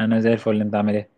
انا زي الفل. انت عامل ايه؟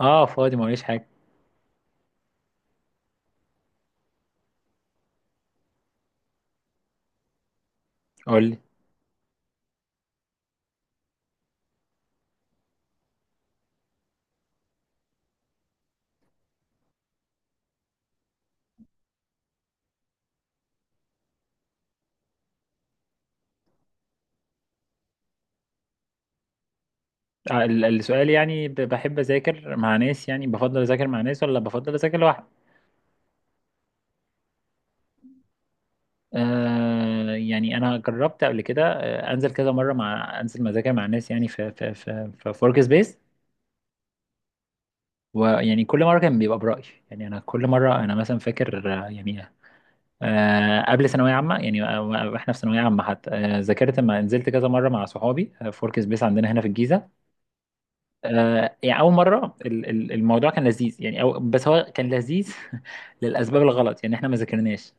اه، فاضي ما وريش حاجه. قول لي. السؤال، يعني بحب اذاكر مع ناس؟ يعني بفضل اذاكر مع ناس ولا بفضل اذاكر لوحدي؟ يعني انا جربت قبل كده، انزل كذا مره مع انزل مذاكر مع ناس، يعني في ورك سبيس. ويعني كل مره كان بيبقى برايي. يعني انا كل مره انا مثلا فاكر، يعني قبل ثانويه عامه، يعني، واحنا في ثانويه عامه حتى ذاكرت لما نزلت كذا مره مع صحابي، في ورك سبيس عندنا هنا في الجيزه. يعني اول مره الموضوع كان لذيذ، يعني، أو بس هو كان لذيذ للاسباب الغلط، يعني احنا ما ذاكرناش.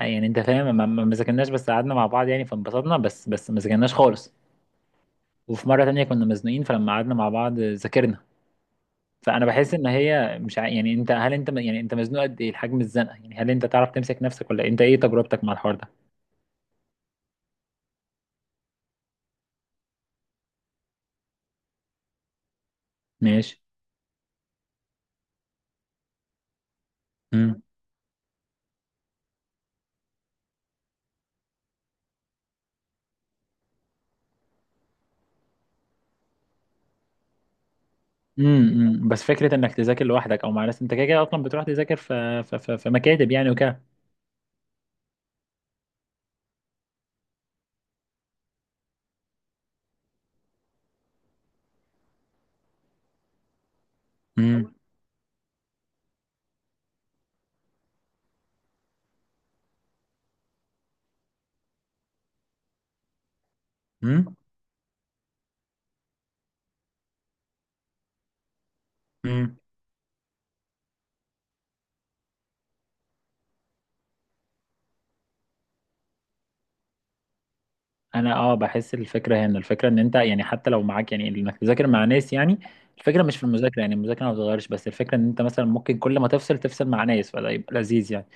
يعني انت فاهم، ما ذاكرناش، بس قعدنا مع بعض يعني، فانبسطنا بس ما ذاكرناش خالص. وفي مره تانية كنا مزنوقين، فلما قعدنا مع بعض ذاكرنا. فانا بحس ان هي مش ع... يعني انت، هل انت يعني انت مزنوق قد ايه؟ الحجم، الزنقه، يعني هل انت تعرف تمسك نفسك ولا إيه؟ انت ايه تجربتك مع الحوار ده؟ ماشي. امم بس فكره انك تذاكر لوحدك او مع ناس، انت كده كده اصلا بتروح تذاكر في مكاتب يعني وكده. امم مم. انا، اه، بحس الفكره هنا، الفكره ان انت يعني، حتى لو معاك، يعني انك تذاكر مع ناس، يعني الفكره مش في المذاكره، يعني المذاكره ما بتتغيرش، بس الفكره ان انت مثلا ممكن كل ما تفصل تفصل مع ناس فده يبقى لذيذ يعني.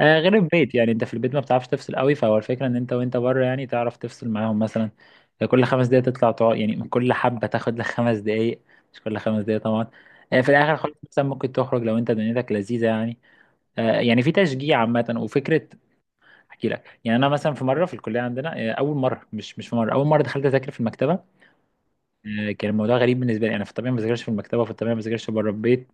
غير البيت، يعني انت في البيت ما بتعرفش تفصل قوي، فهو الفكره ان انت وانت بره يعني تعرف تفصل معاهم مثلا. كل 5 دقايق تطلع تقعد، يعني من كل حبه تاخد لك 5 دقايق. مش كل خمس دقايق طبعا. في الاخر خالص مثلا ممكن تخرج لو انت دنيتك لذيذه يعني. يعني في تشجيع عامه وفكره. احكي لك، يعني انا مثلا في مره في الكليه عندنا، اول مره، مش مش في مره اول مره دخلت اذاكر في المكتبه. كان الموضوع غريب بالنسبه لي، انا في الطبيعه ما بذاكرش في المكتبه، وفي الطبيعه ما بذاكرش بره البيت.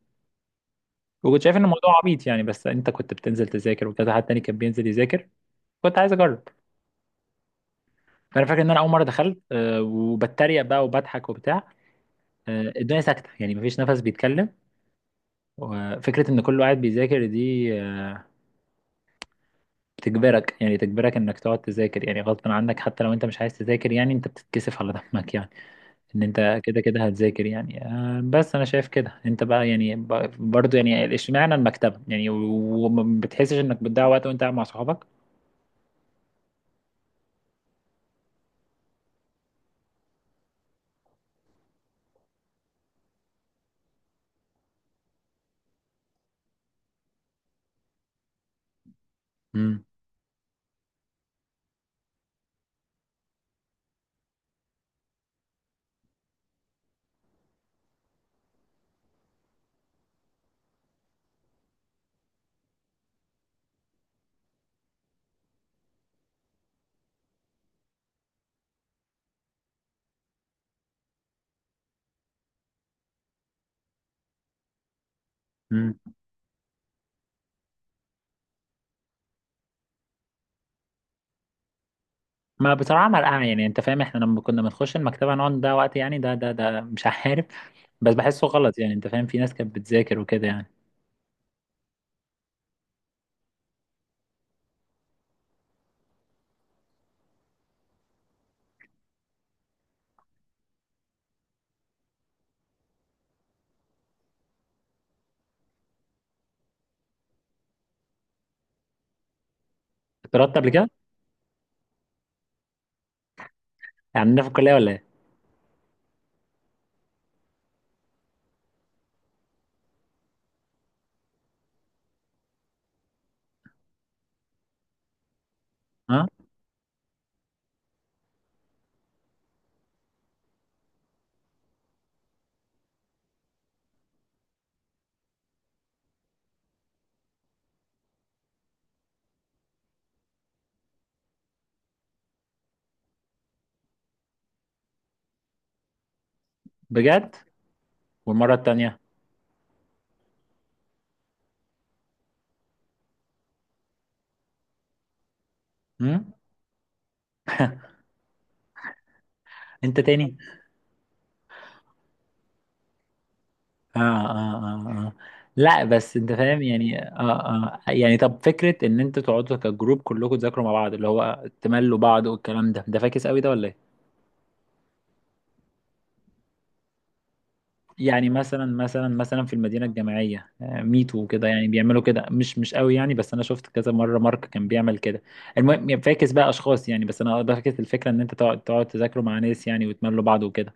وكنت شايف ان الموضوع عبيط يعني، بس انت كنت بتنزل تذاكر وكذا حد تاني كان بينزل يذاكر. كنت عايز اجرب. فانا فاكر ان انا اول مره دخلت، وبتريق بقى وبضحك وبتاع. الدنيا ساكته، يعني مفيش نفس بيتكلم. وفكره ان كله قاعد بيذاكر دي بتجبرك، يعني تجبرك انك تقعد تذاكر يعني غصب عنك، حتى لو انت مش عايز تذاكر، يعني انت بتتكسف على دمك يعني ان انت كده كده هتذاكر يعني. بس انا شايف كده. انت بقى يعني برضو، يعني اشمعنى المكتبة يعني، وما بتحسش انك بتضيع وقت وانت قاعد مع صحابك؟ امم امم ما بصراحة ملقعة يعني، انت فاهم، احنا لما كنا بنخش المكتبة نقعد نضيع وقت يعني، ده مش عارف، بس بحسه غلط يعني، انت فاهم، في ناس كانت بتذاكر وكده يعني. اتطردت قبل كده. يعني عندنا في الكلية ولا ايه؟ ها. بجد. والمرة التانية؟ امم. انت تاني؟ اه، اه، اه، اه، لا بس انت فاهم يعني، اه، اه، يعني طب فكرة ان انتوا تقعدوا كجروب كلكم تذاكروا مع بعض، اللي هو تملوا بعض، والكلام ده، ده فاكس قوي ده ولا ايه؟ يعني مثلا في المدينة الجامعية، ميتو وكده، يعني بيعملوا كده مش قوي يعني، بس انا شفت كذا مرة مارك كان بيعمل كده. المهم، يعني فاكس بقى اشخاص يعني، بس انا فاكس الفكرة ان انت تقعد تذاكروا مع ناس يعني، وتملوا بعض وكده.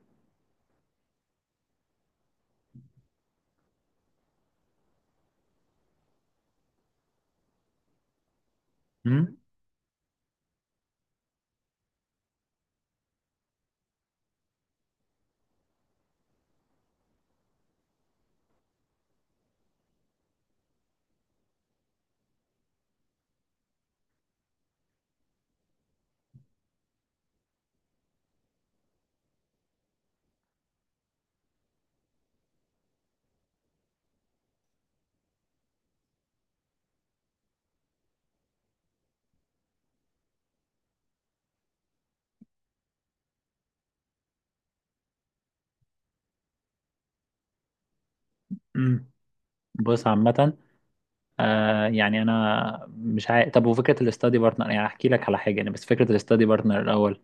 امم، امم. بص عامة، يعني انا مش عارف. طب وفكره الاستادي بارتنر، يعني احكي لك على حاجه يعني، بس فكره الاستادي بارتنر الاول.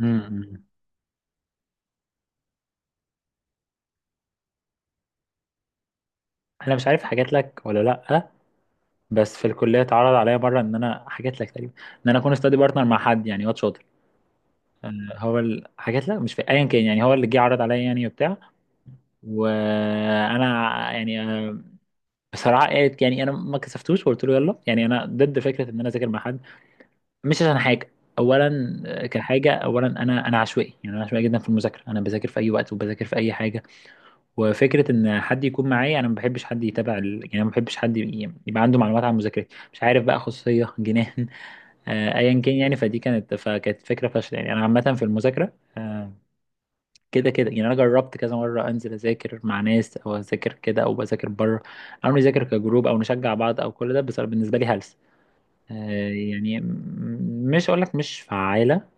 امم. انا مش عارف حكيت لك ولا لا، بس في الكليه اتعرض عليا مره، ان انا، حكيت لك تقريبا، ان انا اكون استادي بارتنر مع حد يعني، واد شاطر. آه. هو حكيت لك، مش في ايا كان يعني، هو اللي جه عرض عليا يعني وبتاع. وانا، يعني، بصراحه، يعني انا ما كسفتوش وقلت له يلا. يعني انا ضد فكره ان انا اذاكر مع حد، مش عشان حاجة. أولا، كحاجة أولا، أنا عشوائي، يعني أنا عشوائي جدا في المذاكرة، أنا بذاكر في أي وقت وبذاكر في أي حاجة. وفكرة إن حد يكون معايا، أنا ما بحبش حد يتابع يعني ما بحبش حد يبقى عنده معلومات عن مذاكرتي، مش عارف بقى، خصوصية جنان. أيا كان يعني، فدي كانت، فكانت فكرة فاشلة يعني. أنا عامة في المذاكرة، كده كده يعني، أنا جربت كذا مرة أنزل أذاكر مع ناس أو أذاكر كده، أو بذاكر بره، أو نذاكر كجروب، أو نشجع بعض، أو كل ده، بس بالنسبة لي هلس. يعني مش هقول لك مش فعالة.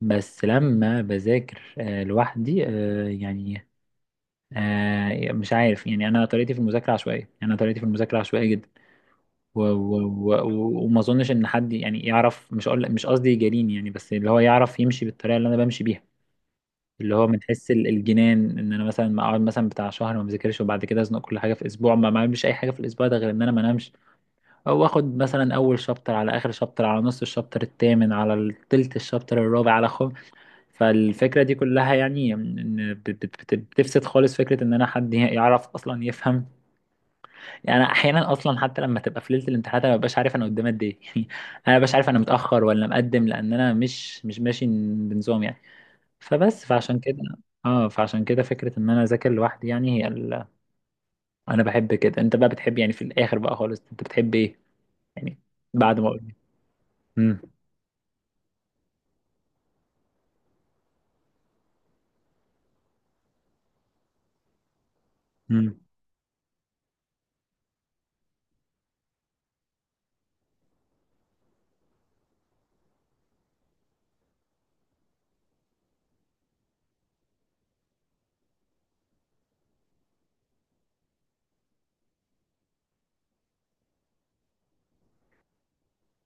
بس لما بذاكر لوحدي، يعني مش عارف يعني، انا طريقتي في المذاكره عشوائيه، يعني انا طريقتي في المذاكره عشوائيه جدا. وما اظنش ان حد يعني يعرف، مش أقول مش قصدي يجاريني يعني، بس اللي هو يعرف يمشي بالطريقه اللي انا بمشي بيها. اللي هو من حس الجنان، ان انا مثلا ما اقعد مثلا بتاع شهر ما بذاكرش وبعد كده ازنق كل حاجه في اسبوع، ما اعملش اي حاجه في الاسبوع ده غير ان انا ما انامش. او اخد مثلا اول شابتر على اخر شابتر على نص الشابتر الثامن على تلت الشابتر الرابع على خمس. فالفكرة دي كلها يعني إن بتفسد خالص فكرة إن أنا حد يعرف أصلا يفهم. يعني أنا أحيانا أصلا، حتى لما تبقى في ليلة الامتحانات، أنا مببقاش عارف أنا قدام قد إيه يعني. أنا مببقاش عارف أنا متأخر ولا مقدم، لأن أنا مش ماشي بنظام يعني. فبس فعشان كده. اه، فعشان كده فكرة إن أنا أذاكر لوحدي، يعني هي أنا بحب كده. أنت بقى بتحب، يعني في الآخر بقى خالص، أنت بتحب إيه يعني، بعد ما قلت؟ امم.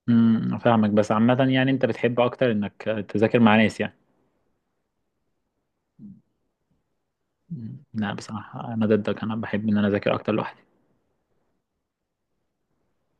امم، فاهمك. بس عامة، يعني أنت بتحب أكتر إنك تذاكر مع ناس يعني؟ مم. لا، بصراحة أنا ضدك، أنا بحب إن أنا أذاكر أكتر لوحدي.